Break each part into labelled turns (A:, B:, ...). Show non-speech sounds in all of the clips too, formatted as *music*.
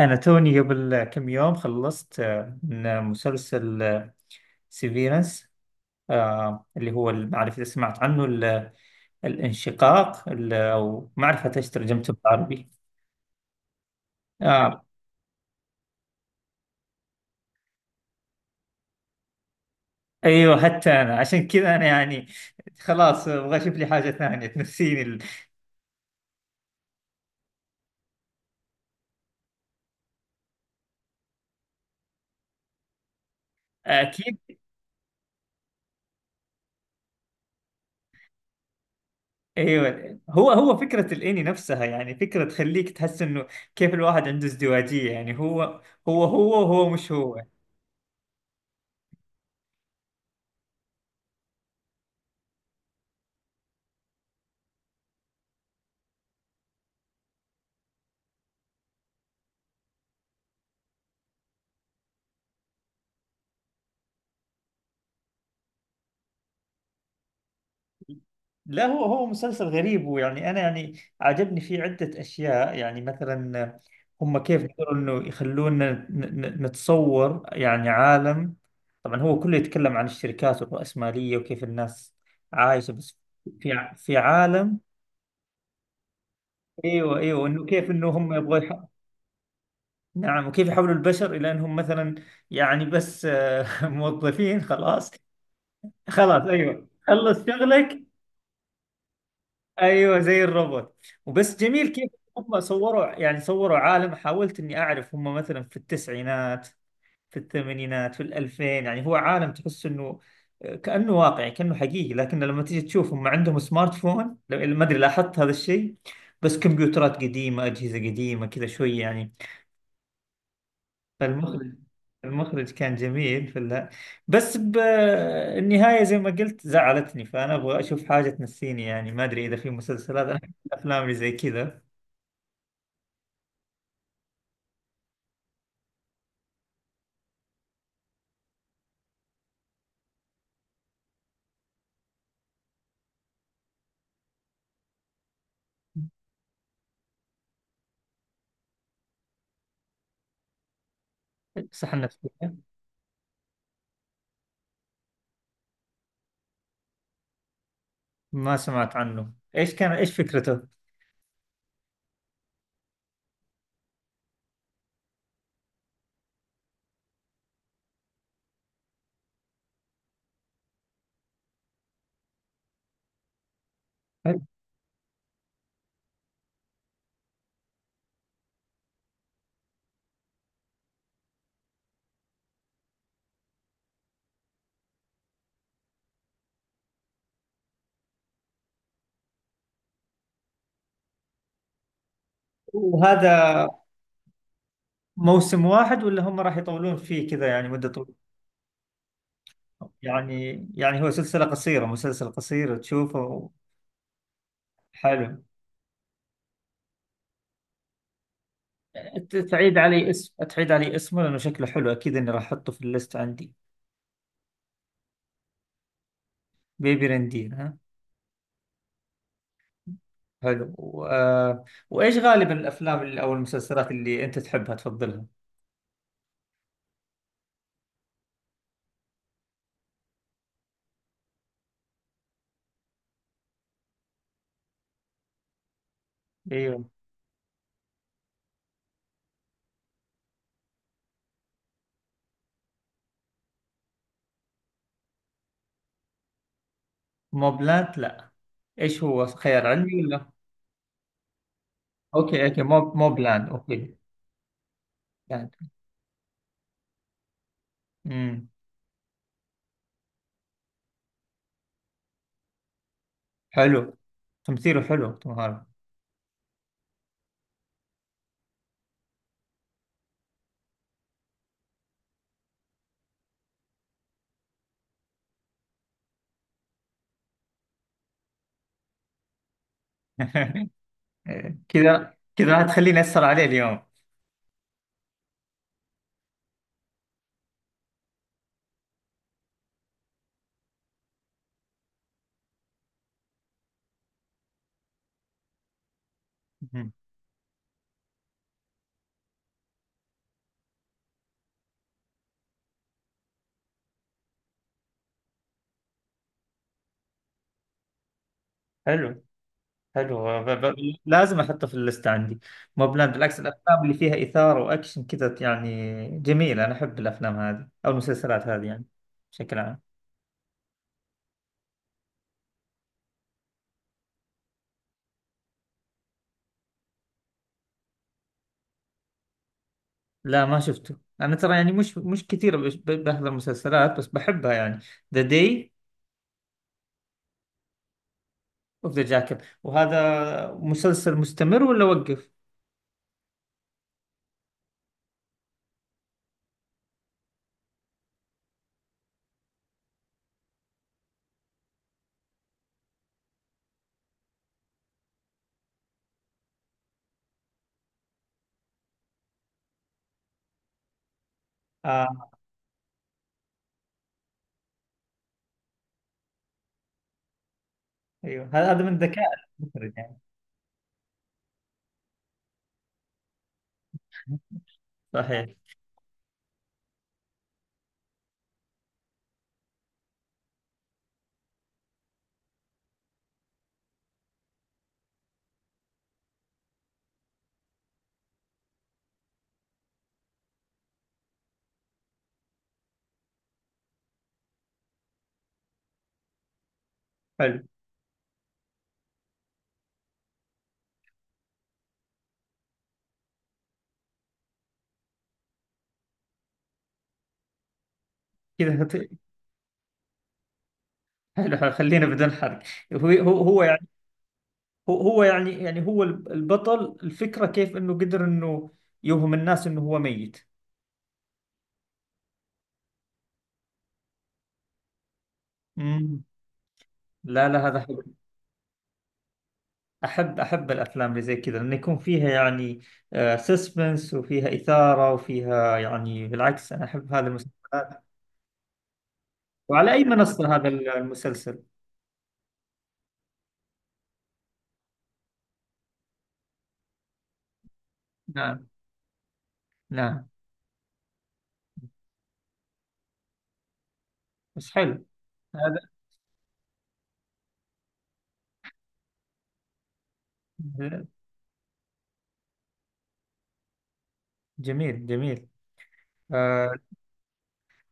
A: أنا توني قبل كم يوم خلصت من مسلسل سيفيرنس اللي هو ما أعرف إذا سمعت عنه الانشقاق، أو ما أعرف حتى إيش ترجمته بالعربي. آه، أيوه، حتى أنا عشان كذا أنا يعني خلاص، أبغى أشوف لي حاجة ثانية *laughs* تنسيني أكيد. أيوه، هو هو فكرة الإني نفسها، يعني فكرة تخليك تحس إنه كيف الواحد عنده ازدواجية، يعني هو هو هو وهو مش هو. لا، هو هو مسلسل غريب، ويعني انا يعني عجبني فيه عده اشياء، يعني مثلا هم كيف قدروا انه يخلونا نتصور يعني عالم. طبعا هو كله يتكلم عن الشركات والرأسمالية وكيف الناس عايشة، بس في في عالم. ايوه ايوه، انه كيف انه هم يبغوا نعم. وكيف يحولوا البشر الى انهم مثلا يعني بس، *laughs* موظفين خلاص. خلاص، ايوه، خلص شغلك. ايوه زي الروبوت. وبس جميل كيف هم صوروا يعني صوروا عالم. حاولت اني اعرف هم مثلا في التسعينات، في الثمانينات، في الألفين، يعني هو عالم تحس انه كأنه واقعي كأنه حقيقي. لكن لما تيجي تشوف هم عندهم سمارت فون، ما ادري لاحظت هذا الشيء، بس كمبيوترات قديمة، أجهزة قديمة كذا شوي يعني. فالمخرج، المخرج كان جميل في بس بالنهاية زي ما قلت زعلتني، فأنا أبغى أشوف حاجة تنسيني. يعني ما أدري إذا في مسلسلات، أنا أحب الأفلام اللي زي كذا. صح، نفسية. ما سمعت عنه، إيش كان، إيش فكرته؟ وهذا موسم واحد ولا هم راح يطولون فيه كذا يعني مدة طويلة؟ يعني يعني هو سلسلة قصيرة، مسلسل قصير تشوفه. حلو. تعيد علي اسم، تعيد علي اسمه، لأنه شكله حلو أكيد إني راح أحطه في الليست عندي. بيبي رندين، ها. حلو وايش غالبا الافلام اللي او المسلسلات اللي انت تحبها تفضلها؟ ايوه. موب لاند؟ لا. ايش هو، خيال علمي ولا؟ اوكي اوكي، موب لاند اوكي. لاند. امم. حلو. تمثيله حلو، توم هاردي. *laughs* كذا كذا راح تخليني اسهر عليه اليوم. مم. حلو حلو، لازم احطه في الليست عندي. موب لاند، بالعكس الافلام اللي فيها اثاره واكشن كذا يعني جميله، انا احب الافلام هذه او المسلسلات هذه يعني بشكل عام. لا ما شفته انا، ترى يعني مش مش كثير بحضر مسلسلات بس بحبها يعني. ذا داي اوف ذا جاكيت. وهذا مسلسل مستمر ولا وقف؟ اه. ايوه، هذا من ذكاء المخرج يعني. صحيح. حلو كذا، حلو حلو. خلينا بدون حرق. هو هو هو يعني، هو هو يعني يعني هو البطل، الفكرة كيف انه قدر انه يوهم الناس انه هو ميت. امم. لا لا، هذا حلو. أحب أحب الأفلام اللي زي كذا، لأن يكون فيها يعني سسبنس وفيها إثارة وفيها يعني. بالعكس أنا أحب هذا المسلسلات. وعلى أي منصة هذا المسلسل؟ نعم نعم. بس حلو. هذا جميل جميل. آه.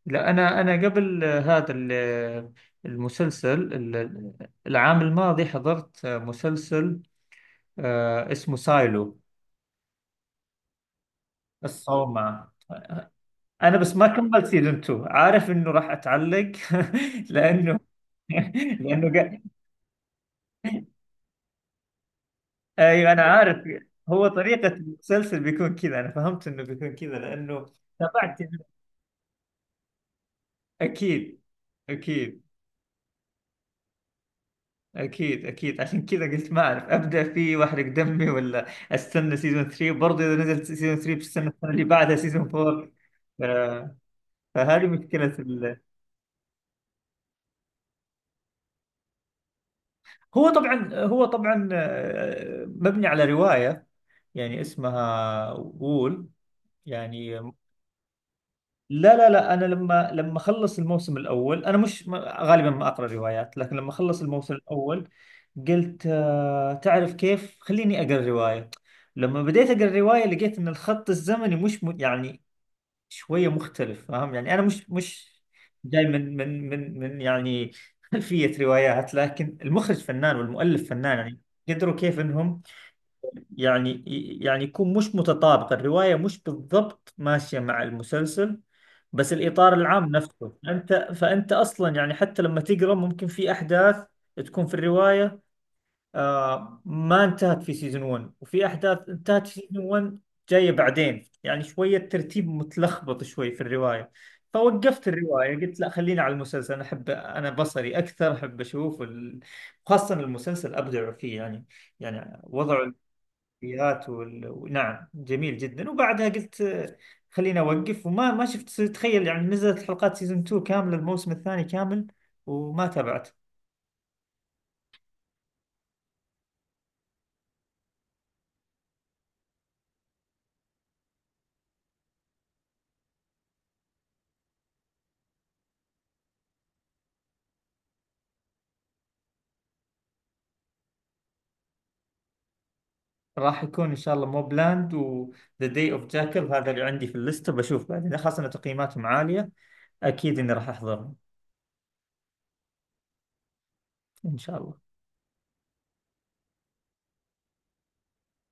A: لا، أنا قبل هذا المسلسل، العام الماضي حضرت مسلسل آه اسمه سايلو. الصومعة. أنا بس ما كملت سيزون 2، عارف إنه راح أتعلق. *laughs* لأنه *laughs* لانه ايوه انا عارف. هو طريقة المسلسل بيكون كذا، انا فهمت انه بيكون كذا لانه تابعت. اكيد، اكيد اكيد اكيد، عشان كذا قلت ما اعرف، ابدا فيه واحرق دمي، ولا استنى سيزون 3 برضه؟ اذا نزل سيزون 3 بستنى السنة اللي بعدها سيزون 4. ف- فهذه مشكلة هو طبعا، هو طبعا، مبني على رواية يعني اسمها وول يعني. لا لا لا، انا لما اخلص الموسم الاول انا مش غالبا ما اقرا روايات، لكن لما اخلص الموسم الاول قلت آه تعرف كيف، خليني اقرا روايه. لما بديت اقرا روايه لقيت ان الخط الزمني مش م... يعني شويه مختلف، فاهم يعني. انا مش جاي من يعني *laughs* خلفيه روايات، لكن المخرج فنان والمؤلف فنان يعني قدروا كيف انهم يعني، يعني يكون مش متطابق الرواية، مش بالضبط ماشية مع المسلسل. بس الإطار العام نفسه أنت، فأنت أصلا يعني حتى لما تقرأ ممكن في أحداث تكون في الرواية ما انتهت في سيزون 1، وفي أحداث انتهت في سيزون 1 جاية بعدين. يعني شوية ترتيب متلخبط شوي في الرواية. فوقفت الرواية، قلت لا خلينا على المسلسل. أنا أحب، أنا بصري أكثر، أحب أشوف خاصة المسلسل أبدع فيه يعني، يعني وضعه السيئات نعم جميل جدا. وبعدها قلت خليني اوقف وما ما شفت تخيل يعني نزلت حلقات سيزون 2 كامله، الموسم الثاني كامل وما تابعت. راح يكون ان شاء الله موب لاند، وذا داي اوف جاكل، هذا اللي عندي في الليسته، بشوف بعدين خاصه ان تقييماتهم عاليه. اكيد اني راح احضرهم ان شاء الله.